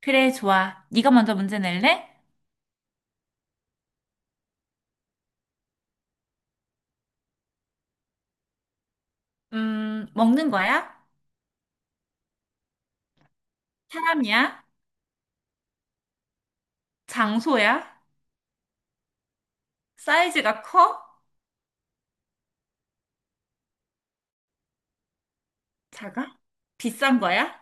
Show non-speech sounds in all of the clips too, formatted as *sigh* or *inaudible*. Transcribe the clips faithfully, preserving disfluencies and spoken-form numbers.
그래, 좋아. 네가 먼저 문제 낼래? 음, 먹는 거야? 사람이야? 장소야? 사이즈가 커? 작아? 비싼 거야?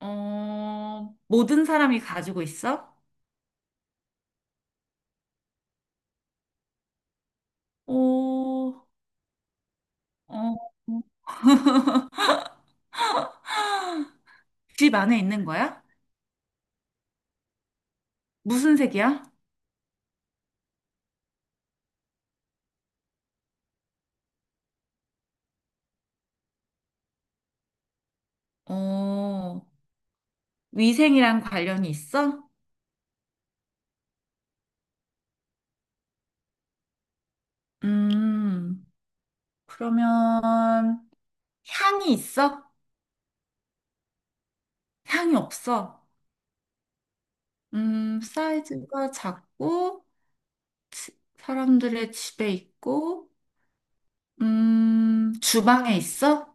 어, 모든 사람이 가지고 있어? 오, 어, *laughs* 집 안에 있는 거야? 무슨 색이야? 어, 위생이랑 관련이 있어? 음, 그러면 향이 있어? 향이 없어? 음, 사이즈가 작고, 치- 사람들의 집에 있고, 음, 주방에 있어?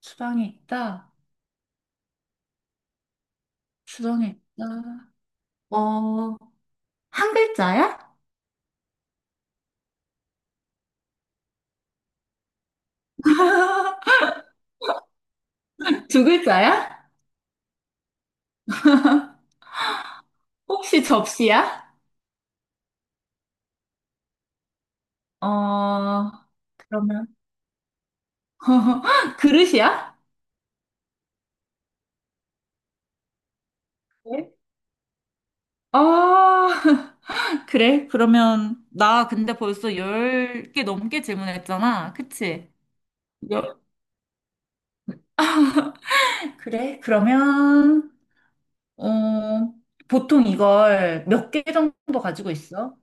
주방에 있다. 주방에 있다. 어, 한 글자야? *laughs* 두 글자야? 혹시 접시야? 어, 그러면, *laughs* 그릇이야? 네. 아, *laughs* 그래? 그러면, 나 근데 벌써 열 개 넘게 질문했잖아, 그치? 여- 그래? 그러면, 어, 보통 이걸 몇 개 정도 가지고 있어?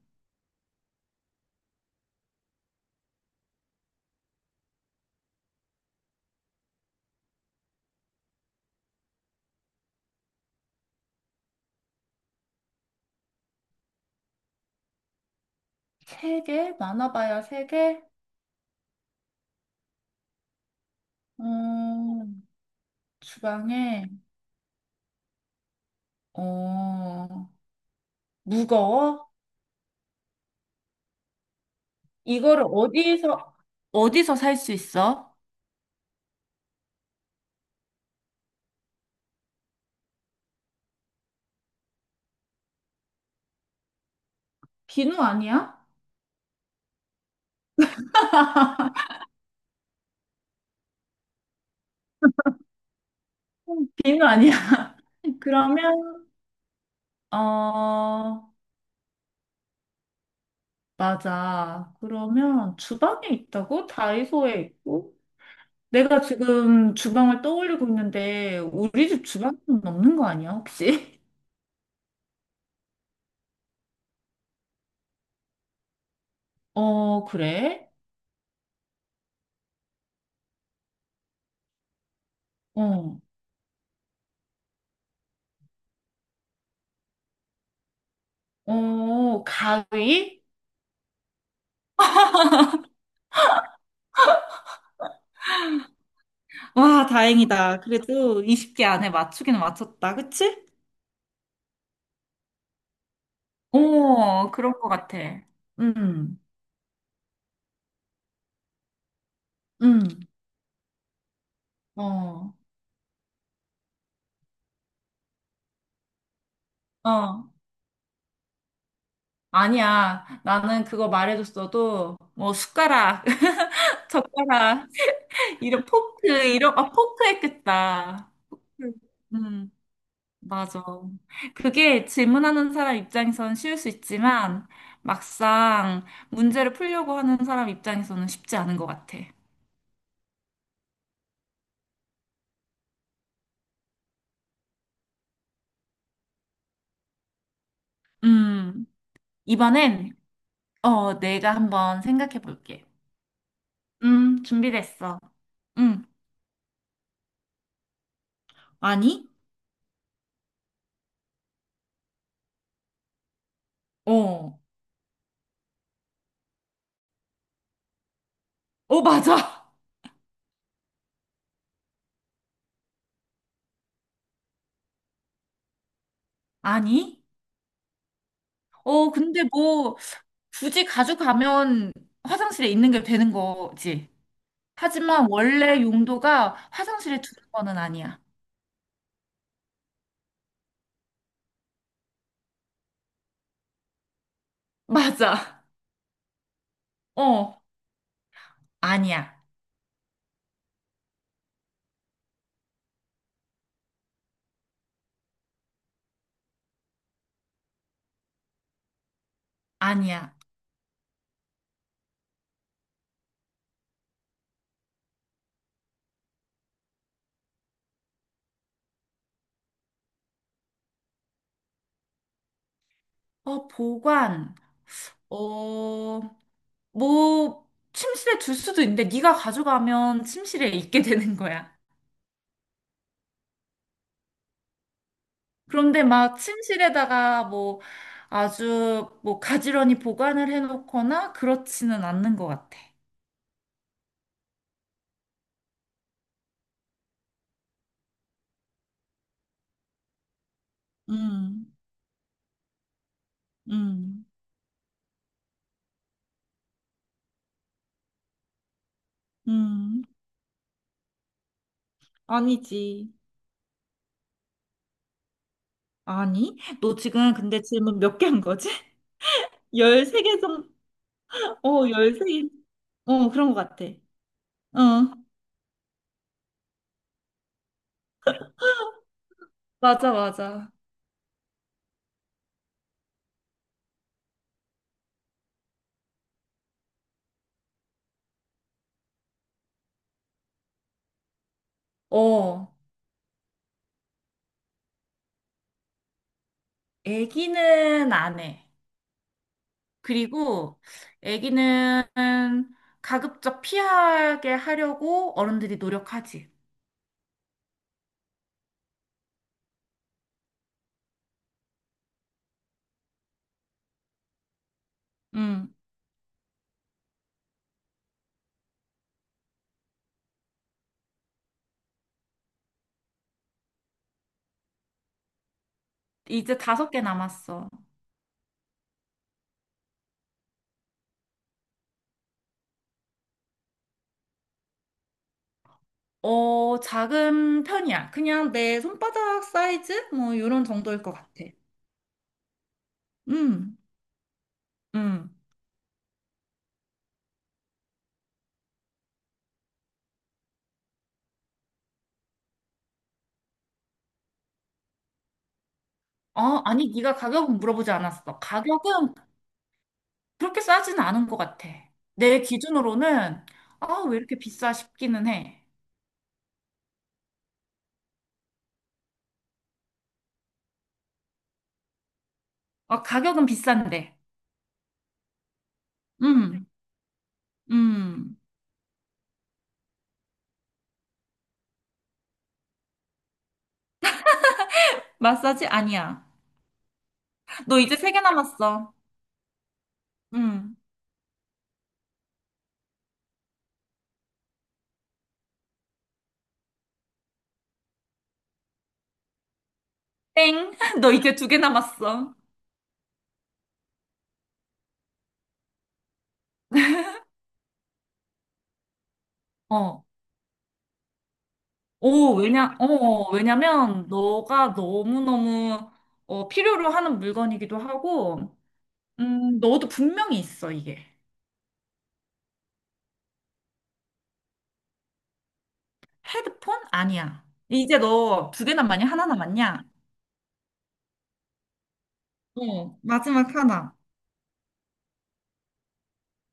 세 개? 많아봐야 세 개? 어, 주방에, 어, 무거워? 이거를 어디서, 어디서 살 수 있어? 비누 아니야? 비누 아니야? *laughs* 그러면, 어, 맞아. 그러면 주방에 있다고? 다이소에 있고? 내가 지금 주방을 떠올리고 있는데, 우리 집 주방은 없는 거 아니야, 혹시? 어, 그래? 어, 어, 가위? 와, 다행이다. 그래도 스무 개 안에 맞추기는 맞췄다, 그치? 어, 그런 것 같아. 음, 음. 어, 어. 아니야. 나는 그거 말해줬어도, 뭐, 숟가락, *laughs* 젓가락, 이런 포크, 이런, 아, 포크 했겠다. 포크. 음. 맞아. 그게 질문하는 사람 입장에서는 쉬울 수 있지만 막상 문제를 풀려고 하는 사람 입장에서는 쉽지 않은 것 같아. 음, 이번엔 어, 내가 한번 생각해 볼게. 음, 준비됐어. 음, 아니? 어, 어, 맞아. *laughs* 아니? 어, 근데 뭐 굳이 가져가면 화장실에 있는 게 되는 거지. 하지만 원래 용도가 화장실에 두는 거는 아니야. *laughs* 맞아. 어. 아니야, 아니야. 어, 보관, 어, 뭐, 침실에 둘 수도 있는데, 네가 가져가면 침실에 있게 *laughs* 되는 거야. 그런데 막 침실에다가 뭐, 아주 뭐, 가지런히 보관을 해놓거나 그렇지는 않는 것 같아. 음, 음, 음. 아니지. 아니? 너 지금 근데 질문 몇 개 한 거지? *laughs* 열세 개 정도? 어, 열세 개. 어, 그런 것 같아. 어, 맞아, 맞아. 어. 애기는 안 해. 그리고 애기는 가급적 피하게 하려고 어른들이 노력하지. 음, 이제 다섯 개 남았어. 어, 작은 편이야. 그냥 내 손바닥 사이즈? 뭐, 이런 정도일 것 같아. 음, 음. 어, 아니, 네가 가격은 물어보지 않았어. 가격은 그렇게 싸진 않은 것 같아. 내 기준으로는, 아, 왜 이렇게 비싸 싶기는 해. 어, 가격은 비싼데. 음, 음. 마사지 아니야. 너 이제 세 개 남았어. 응. 땡. *laughs* 너 이제 두 개 남았어. 어. 오, 왜냐, 어, 어. 왜냐면 너가 너무너무 어, 필요로 하는 물건이기도 하고, 음, 너도 분명히 있어, 이게. 헤드폰? 아니야. 이제 너 두 개 남았냐? 하나 남았냐? 어, 마지막 하나.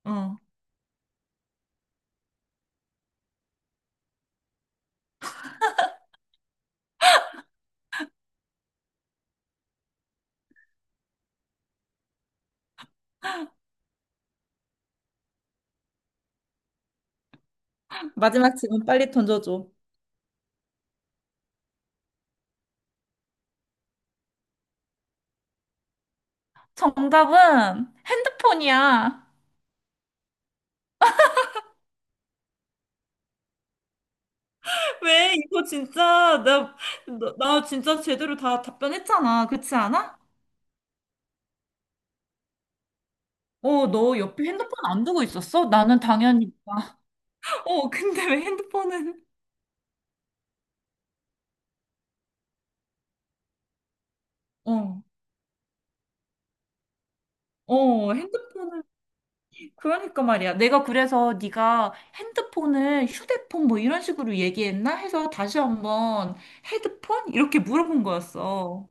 어. 마지막 질문 빨리 던져줘. 정답은 핸드폰이야. 왜? 이거 진짜, 나, 나, 나 진짜 제대로 다 답변했잖아. 그렇지 않아? 어, 너 옆에 핸드폰 안 두고 있었어? 나는 당연히. *laughs* 아, 어, 근데 왜 핸드폰은? 어, 어, 핸드폰은 그러니까 말이야. 내가 그래서 네가 핸드폰을 휴대폰 뭐 이런 식으로 얘기했나 해서 다시 한번 헤드폰? 이렇게 물어본 거였어.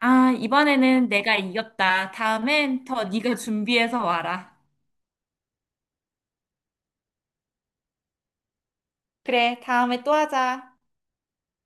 아, 이번에는 내가 이겼다. 다음엔 더 네가 준비해서 와라. 그래, 다음에 또 하자.